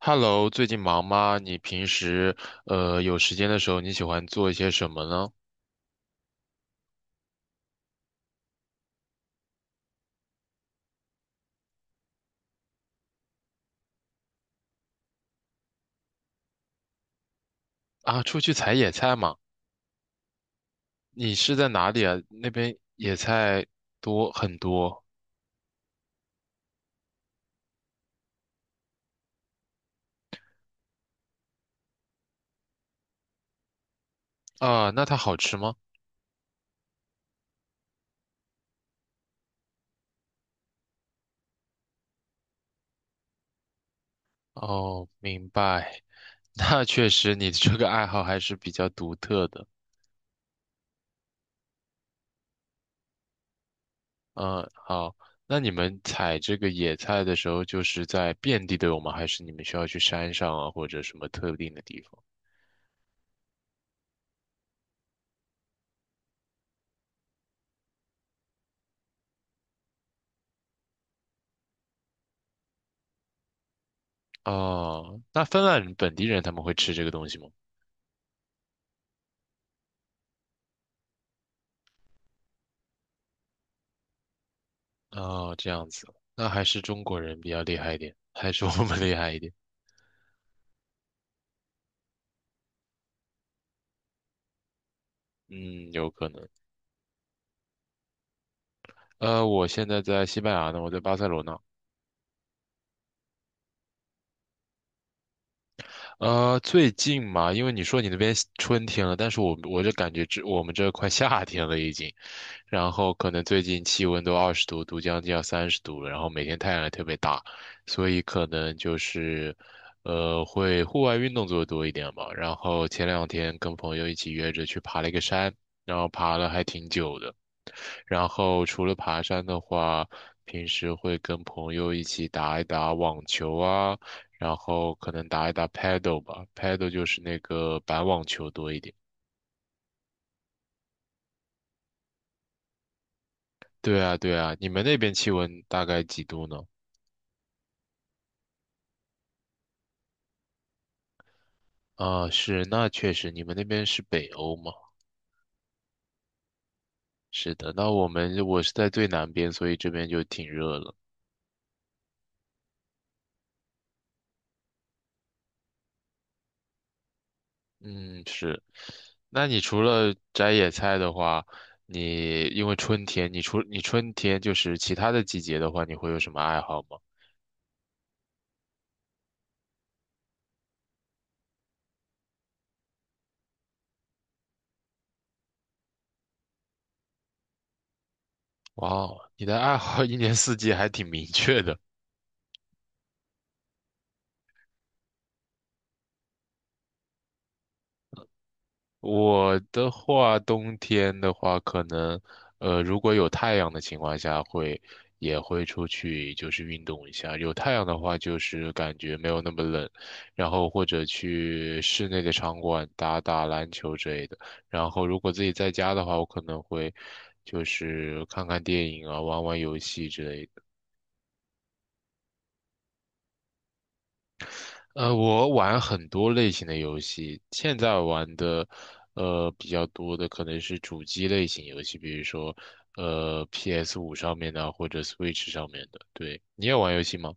Hello，最近忙吗？你平时有时间的时候，你喜欢做一些什么呢？啊，出去采野菜嘛？你是在哪里啊？那边野菜多很多啊，那它好吃吗？哦，明白。那确实，你这个爱好还是比较独特的。嗯，好。那你们采这个野菜的时候，就是在遍地都有吗？还是你们需要去山上啊，或者什么特定的地方？哦，那芬兰人本地人他们会吃这个东西吗？哦，这样子，那还是中国人比较厉害一点，还是我们厉害一点？嗯，有可能。我现在在西班牙呢，我在巴塞罗那。最近嘛，因为你说你那边春天了，但是我就感觉这我们这快夏天了已经。然后可能最近气温都20度，都将近要30度了，然后每天太阳也特别大，所以可能就是，会户外运动做的多一点吧。然后前两天跟朋友一起约着去爬了一个山，然后爬了还挺久的。然后除了爬山的话，平时会跟朋友一起打一打网球啊，然后可能打一打 paddle 吧，paddle 就是那个板网球多一点。对啊，对啊，你们那边气温大概几度呢？啊，是，那确实，你们那边是北欧吗？是的，那我是在最南边，所以这边就挺热了。嗯，是。那你除了摘野菜的话，你因为春天，你春天就是其他的季节的话，你会有什么爱好吗？哇哦，你的爱好 一年四季还挺明确的。我的话，冬天的话，可能，如果有太阳的情况下会，也会出去就是运动一下。有太阳的话，就是感觉没有那么冷，然后或者去室内的场馆打打篮球之类的。然后如果自己在家的话，我可能会就是看看电影啊，玩玩游戏之类的。我玩很多类型的游戏，现在玩的，比较多的可能是主机类型游戏，比如说，PS5上面的或者 Switch 上面的。对，你也玩游戏吗？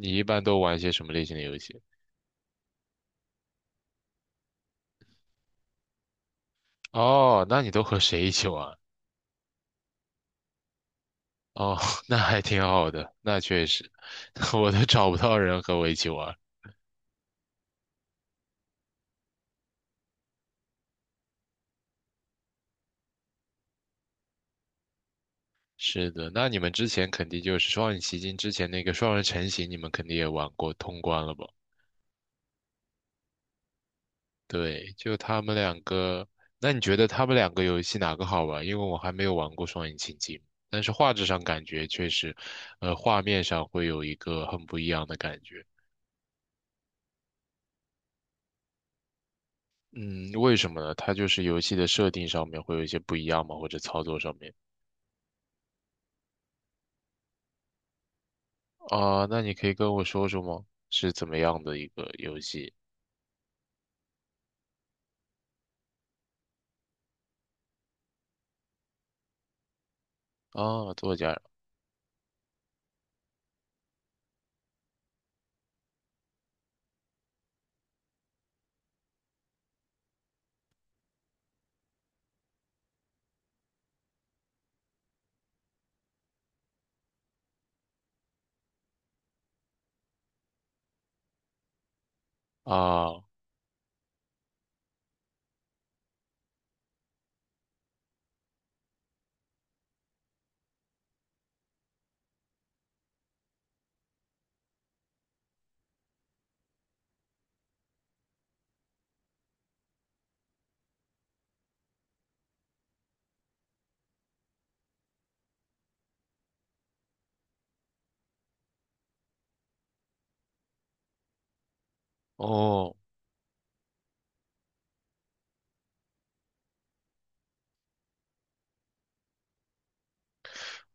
你一般都玩一些什么类型的游戏？哦，那你都和谁一起玩？哦，那还挺好的，那确实，我都找不到人和我一起玩。是的，那你们之前肯定就是《双影奇境》之前那个双人成行，你们肯定也玩过通关了吧？对，就他们两个。那你觉得他们两个游戏哪个好玩？因为我还没有玩过双引擎机，但是画质上感觉确实，画面上会有一个很不一样的感觉。嗯，为什么呢？它就是游戏的设定上面会有一些不一样吗？或者操作上面啊，那你可以跟我说说吗？是怎么样的一个游戏啊？作家啊，哦，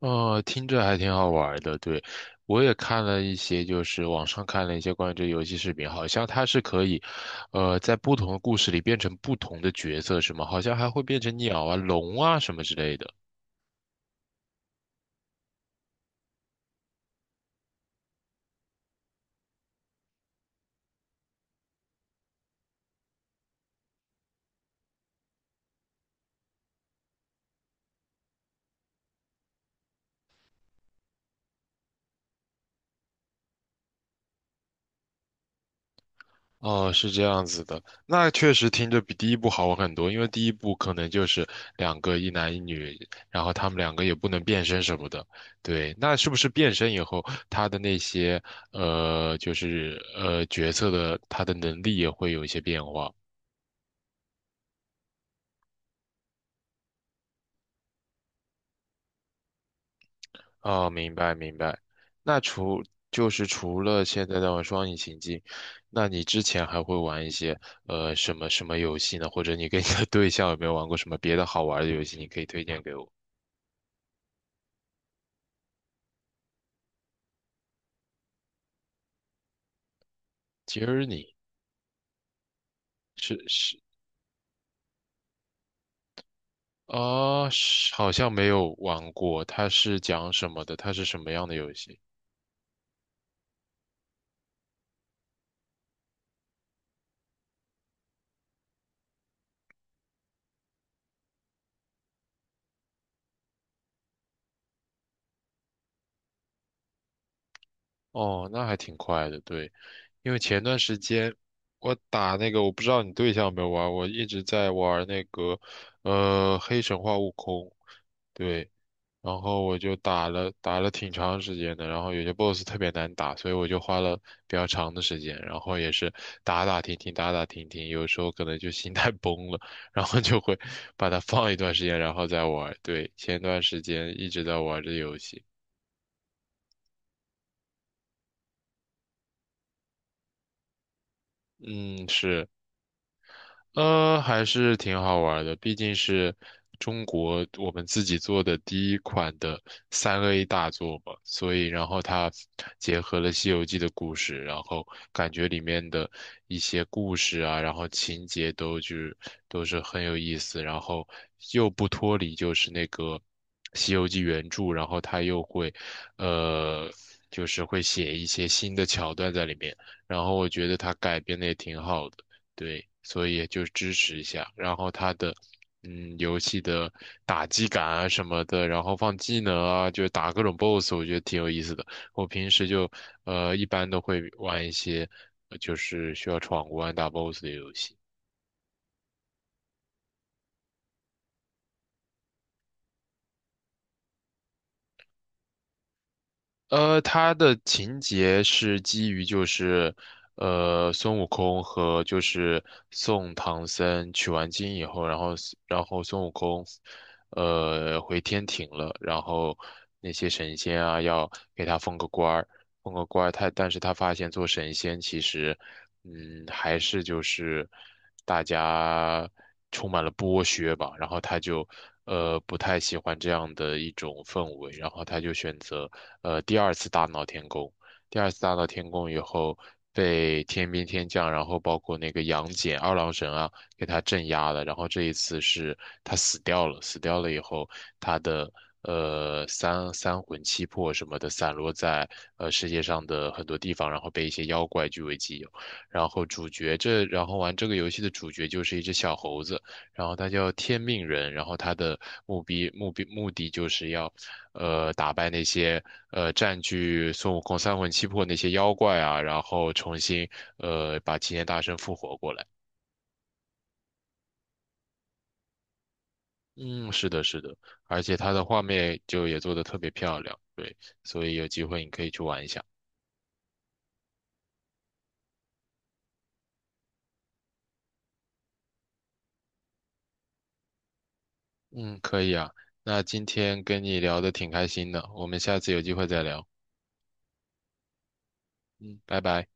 听着还挺好玩儿的，对，我也看了一些，就是网上看了一些关于这个游戏视频，好像它是可以，在不同的故事里变成不同的角色，是吗？好像还会变成鸟啊、龙啊什么之类的。哦，是这样子的，那确实听着比第一部好玩很多，因为第一部可能就是两个一男一女，然后他们两个也不能变身什么的。对，那是不是变身以后，他的那些就是角色的他的能力也会有一些变化？哦，明白明白。那除就是除了现在的双引擎机，那你之前还会玩一些什么什么游戏呢？或者你跟你的对象有没有玩过什么别的好玩的游戏？你可以推荐给我。j o u， 是是啊，是好像没有玩过，它是讲什么的？它是什么样的游戏？哦，那还挺快的，对，因为前段时间我打那个，我不知道你对象有没有玩，我一直在玩那个，黑神话悟空，对，然后我就打了挺长时间的，然后有些 BOSS 特别难打，所以我就花了比较长的时间，然后也是打打停停，打打停停，有时候可能就心态 崩了，然后就会把它放一段时间，然后再玩，对，前段时间一直在玩这游戏，嗯，是。还是挺好玩儿的，毕竟是中国我们自己做的第一款的3A 大作嘛，所以然后它结合了《西游记》的故事，然后感觉里面的一些故事啊，然后情节都就是都是很有意思，然后又不脱离就是那个《西游记》原著，然后它又会呃就是会写一些新的桥段在里面，然后我觉得它改编的也挺好的。对，所以就支持一下。然后它的，嗯，游戏的打击感啊什么的，然后放技能啊，就打各种 BOSS，我觉得挺有意思的。我平时就，一般都会玩一些，就是需要闯关打 BOSS 的游戏。它的情节是基于就是，孙悟空和就是送唐僧取完经以后，然后孙悟空，回天庭了，然后那些神仙啊要给他封个官儿，封个官儿，但是他发现做神仙其实。嗯，还是就是大家充满了剥削吧，然后他就不太喜欢这样的一种氛围，然后他就选择第二次大闹天宫。第二次大闹天宫以后，被天兵天将，然后包括那个杨戬、二郎神啊，给他镇压了。然后这一次是他死掉了，死掉了以后，他的三魂七魄什么的散落在世界上的很多地方，然后被一些妖怪据为己有。然后主角这，然后玩这个游戏的主角就是一只小猴子，然后它叫天命人，然后它的目的就是要，打败那些占据孙悟空三魂七魄那些妖怪啊，然后重新把齐天大圣复活过来。嗯，是的，是的，而且它的画面就也做的特别漂亮，对，所以有机会你可以去玩一下。嗯，可以啊，那今天跟你聊的挺开心的，我们下次有机会再聊。嗯，拜拜。